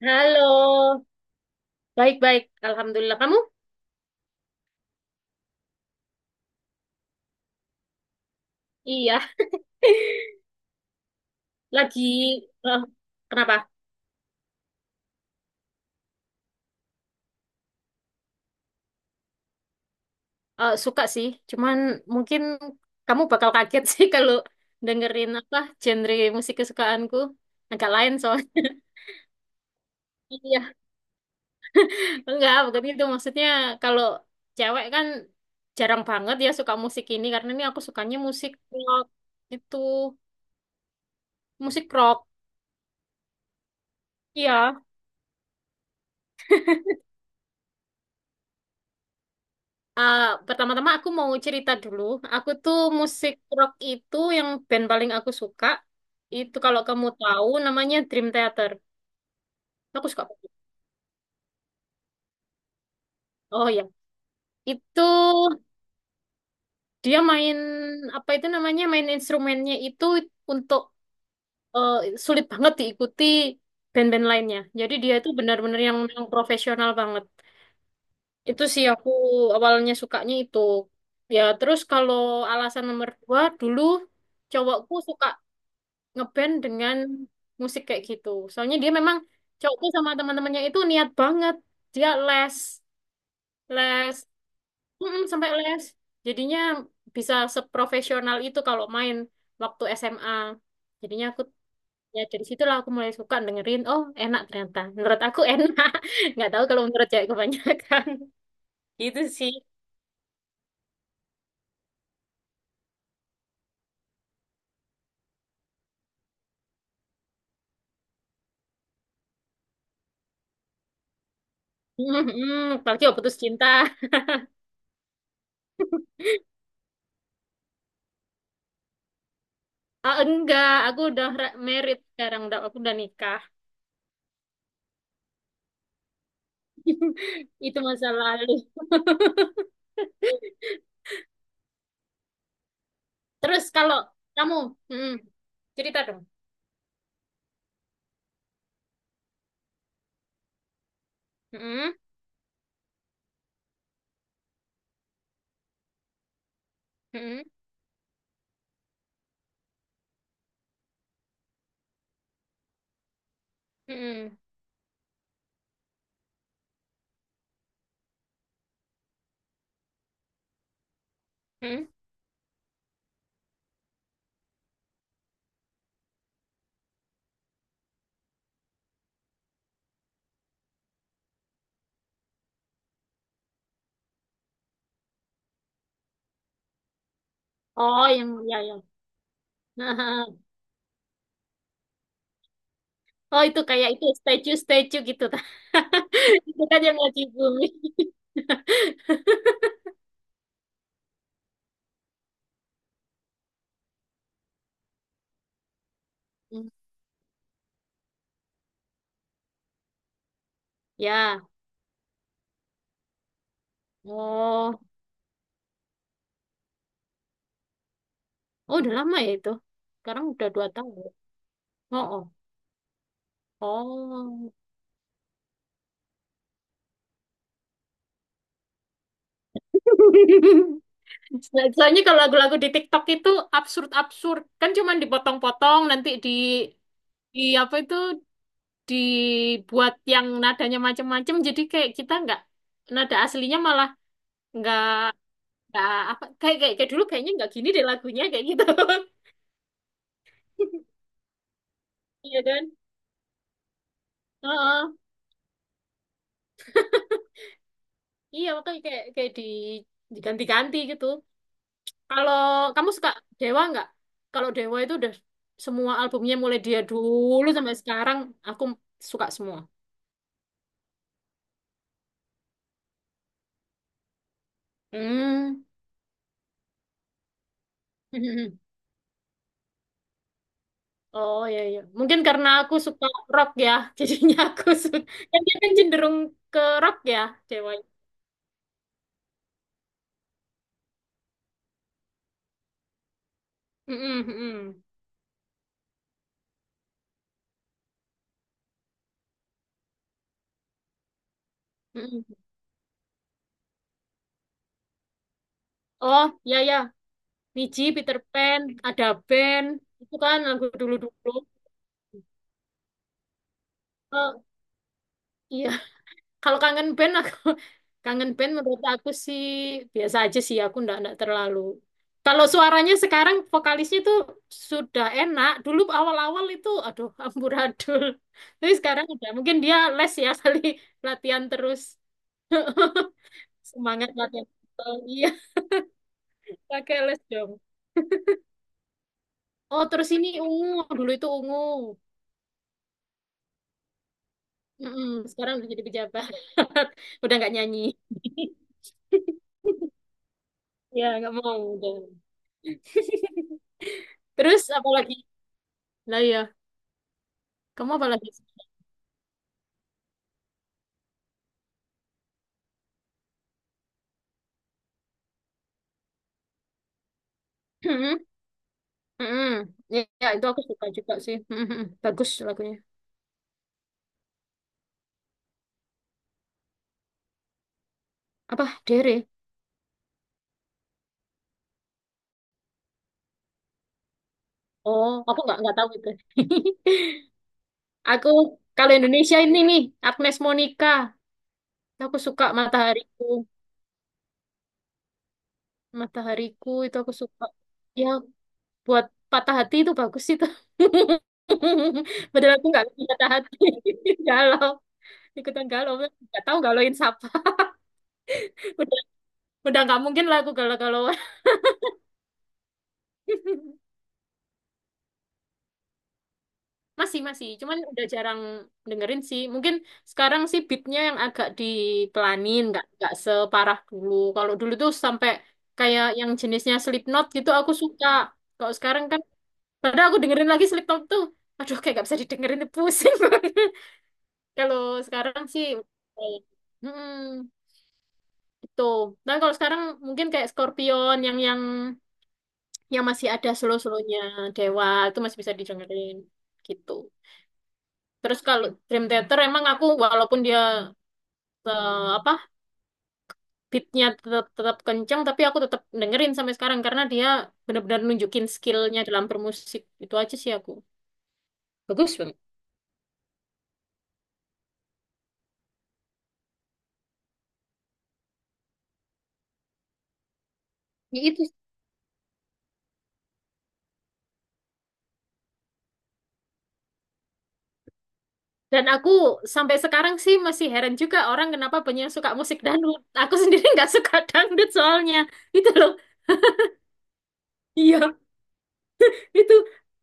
Halo, baik-baik. Alhamdulillah. Kamu? Iya, lagi. eh, Kenapa? Suka sih. Cuman mungkin kamu bakal kaget sih kalau dengerin apa genre musik kesukaanku. Agak lain soalnya. Iya, enggak, bukan itu. Maksudnya kalau cewek kan jarang banget ya suka musik ini. Karena ini aku sukanya musik rock itu. Musik rock. Iya. Ah, pertama-tama aku mau cerita dulu. Aku tuh musik rock itu yang band paling aku suka. Itu kalau kamu tahu namanya Dream Theater. Aku suka banget. Oh ya, itu dia main apa itu namanya main instrumennya itu untuk eh, sulit banget diikuti band-band lainnya. Jadi dia itu benar-benar yang profesional banget. Itu sih aku awalnya sukanya itu. Ya terus kalau alasan nomor 2 dulu cowokku suka ngeband dengan musik kayak gitu. Soalnya dia memang cowokku sama teman-temannya itu niat banget. Dia les, les, mm-mm, sampai les. Jadinya bisa seprofesional itu kalau main waktu SMA. Jadinya aku ya dari situlah aku mulai suka dengerin. Oh, enak ternyata. Menurut aku enak. Nggak tahu kalau menurut cewek kebanyakan. Gitu sih. Mm-mm, apalagi waktu putus cinta. Ah, enggak, aku udah married sekarang. Udah, aku udah nikah. Itu masa lalu. Terus kalau kamu, mm, cerita dong. Mm, mm, mm, mm. Oh, yang ya ya. Oh, itu kayak itu statue-statue gitu. ta. Itu kan yang lagi booming. Hmm, ya. Oh, oh udah lama ya itu. Sekarang udah 2 tahun. Ya? Oh, oh. Oh. Soalnya kalau lagu-lagu di TikTok itu absurd-absurd, kan cuman dipotong-potong nanti di apa itu dibuat yang nadanya macam-macam jadi kayak kita nggak nada aslinya malah nggak nggak apa kayak kayak, kayak dulu kayaknya nggak gini deh lagunya kayak gitu. Iya kan? Heeh. Iya makanya kayak kayak di diganti-ganti gitu. Kalau kamu suka Dewa nggak, kalau Dewa itu udah semua albumnya mulai dia dulu sampai sekarang aku suka semua. Hmm. Oh iya iya. Mungkin karena aku suka rock ya, jadinya aku suka. Kan dia kan cenderung ke rock ya, cewek. Mm-mm, mm-mm, mm-mm. Oh iya iya. Niji, Peter Pan, ada band. Itu kan lagu dulu-dulu. Oh, iya. Kalau kangen band aku, kangen band menurut aku sih biasa aja sih, aku ndak ndak terlalu. Kalau suaranya sekarang vokalisnya tuh sudah enak. Dulu awal-awal itu aduh amburadul. Tapi sekarang udah mungkin dia les ya, kali latihan terus. Semangat latihan. Oh, iya, pakai les dong. Oh, terus ini ungu. Dulu itu ungu. Mm-mm, sekarang udah jadi pejabat. Udah nggak nyanyi. Ya, nggak mau udah. Terus apalagi? Lah ya. Kamu apa lagi? Hmm, hmm, ya, ya, itu aku suka juga sih. Hmm, hmm, bagus lagunya. Apa? Dere? Oh, aku nggak tahu itu. Aku kalau Indonesia ini nih Agnes Monica. Aku suka Matahariku. Matahariku itu aku suka. Ya, buat patah hati itu bagus itu. Padahal aku nggak lagi patah hati. Galau, ikutan galau. Nggak tahu galauin siapa. Udah, udah nggak mungkin lah aku galau-galauan. Masih, masih. Cuman udah jarang dengerin sih. Mungkin sekarang sih beatnya yang agak dipelanin, nggak separah dulu. Kalau dulu tuh sampai kayak yang jenisnya Slipknot gitu aku suka. Kalau sekarang kan, padahal aku dengerin lagi Slipknot tuh, aduh kayak nggak bisa didengerin, pusing banget. Kalau sekarang sih, eh, hmm, itu. Dan kalau sekarang mungkin kayak Scorpion yang yang masih ada slow-slownya, Dewa itu masih bisa didengerin gitu. Terus kalau Dream Theater emang aku walaupun dia eh, apa beatnya tetap tetap kenceng tapi aku tetap dengerin sampai sekarang karena dia benar-benar nunjukin skillnya dalam bermusik itu aja sih aku bagus banget. Ya, itu dan aku sampai sekarang sih masih heran juga orang kenapa banyak yang suka musik dangdut, aku sendiri nggak suka dangdut soalnya itu loh. Iya itu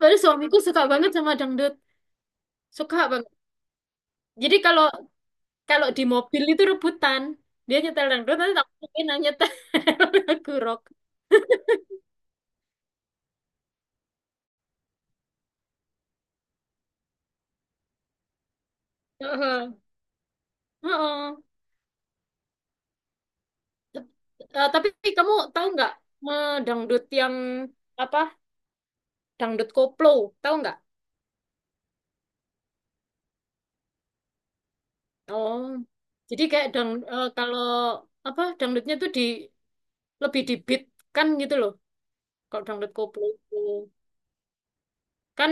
baru suamiku suka banget sama dangdut, suka banget jadi kalau kalau di mobil itu rebutan. Dia nyetel dangdut, nanti tak mungkin nyetel lagu rock. Heeh. Heeh. Eh, tapi kamu tahu nggak dangdut yang apa? Dangdut koplo, tahu nggak? Oh, jadi kayak kalau apa dangdutnya tuh di lebih di beat kan gitu loh. Kalau dangdut koplo itu kan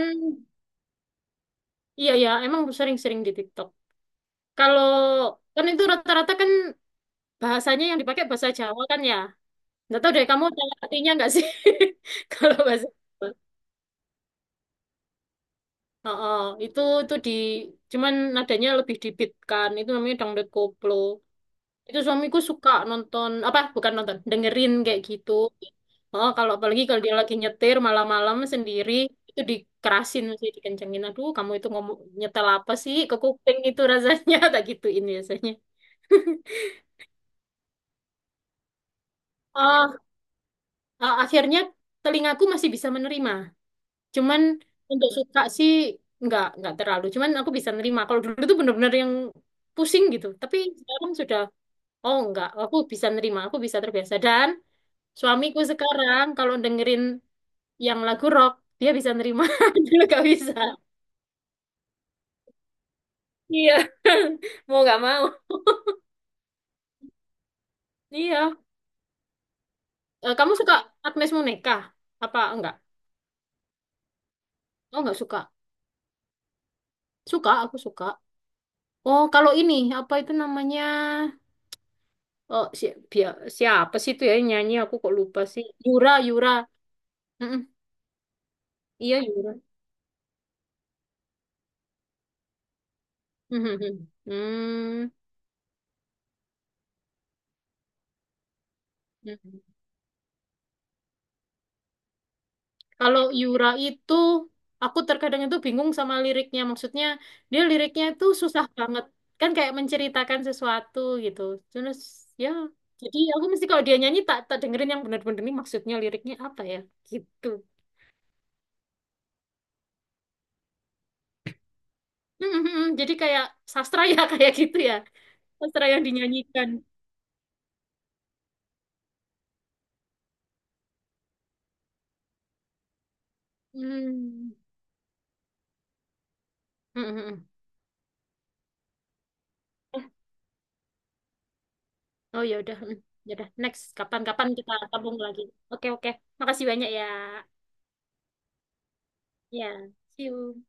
iya ya emang sering-sering di TikTok. Kalau kan itu rata-rata kan bahasanya yang dipakai bahasa Jawa kan ya. Nggak tahu deh kamu ada artinya nggak sih kalau bahasa Jawa. Heeh, itu di cuman nadanya lebih dibitkan itu namanya dangdut koplo. Itu suamiku suka nonton apa bukan nonton dengerin kayak gitu. Oh, kalau apalagi kalau dia lagi nyetir malam-malam sendiri itu dikerasin sih dikencengin. Aduh, kamu itu ngomong nyetel apa sih ke kuping itu rasanya tak gituin biasanya. Oh, akhirnya telingaku masih bisa menerima. Cuman untuk suka sih nggak terlalu. Cuman aku bisa nerima. Kalau dulu tuh bener-bener yang pusing gitu. Tapi sekarang sudah oh nggak, aku bisa nerima, aku bisa terbiasa. Dan suamiku sekarang kalau dengerin yang lagu rock dia bisa nerima. Dulu nggak bisa. Iya, mau nggak mau. Iya. Eh, kamu suka Agnes Monica? Apa enggak? Oh nggak suka. Suka, aku suka. Oh kalau ini apa itu namanya? Oh, si, siapa sih itu ya yang nyanyi? Aku kok lupa sih. Yura, Yura. Mm-mm. Iya, Yura. Mhm. Hmm. Mhm. Kalau Yura itu, aku terkadang itu bingung sama liriknya. Maksudnya, dia liriknya itu susah banget. Kan kayak menceritakan sesuatu gitu. Terus, ya. Jadi aku mesti kalau dia nyanyi, tak dengerin yang benar-benar ini maksudnya liriknya apa ya. Gitu. Mhm. Jadi kayak sastra ya, kayak gitu ya. Sastra yang dinyanyikan. Hmm. Mhm. Oh ya udah, hmm, ya udah. Next, kapan-kapan kita sambung lagi. Oke oke, makasih banyak ya. Ya, see you.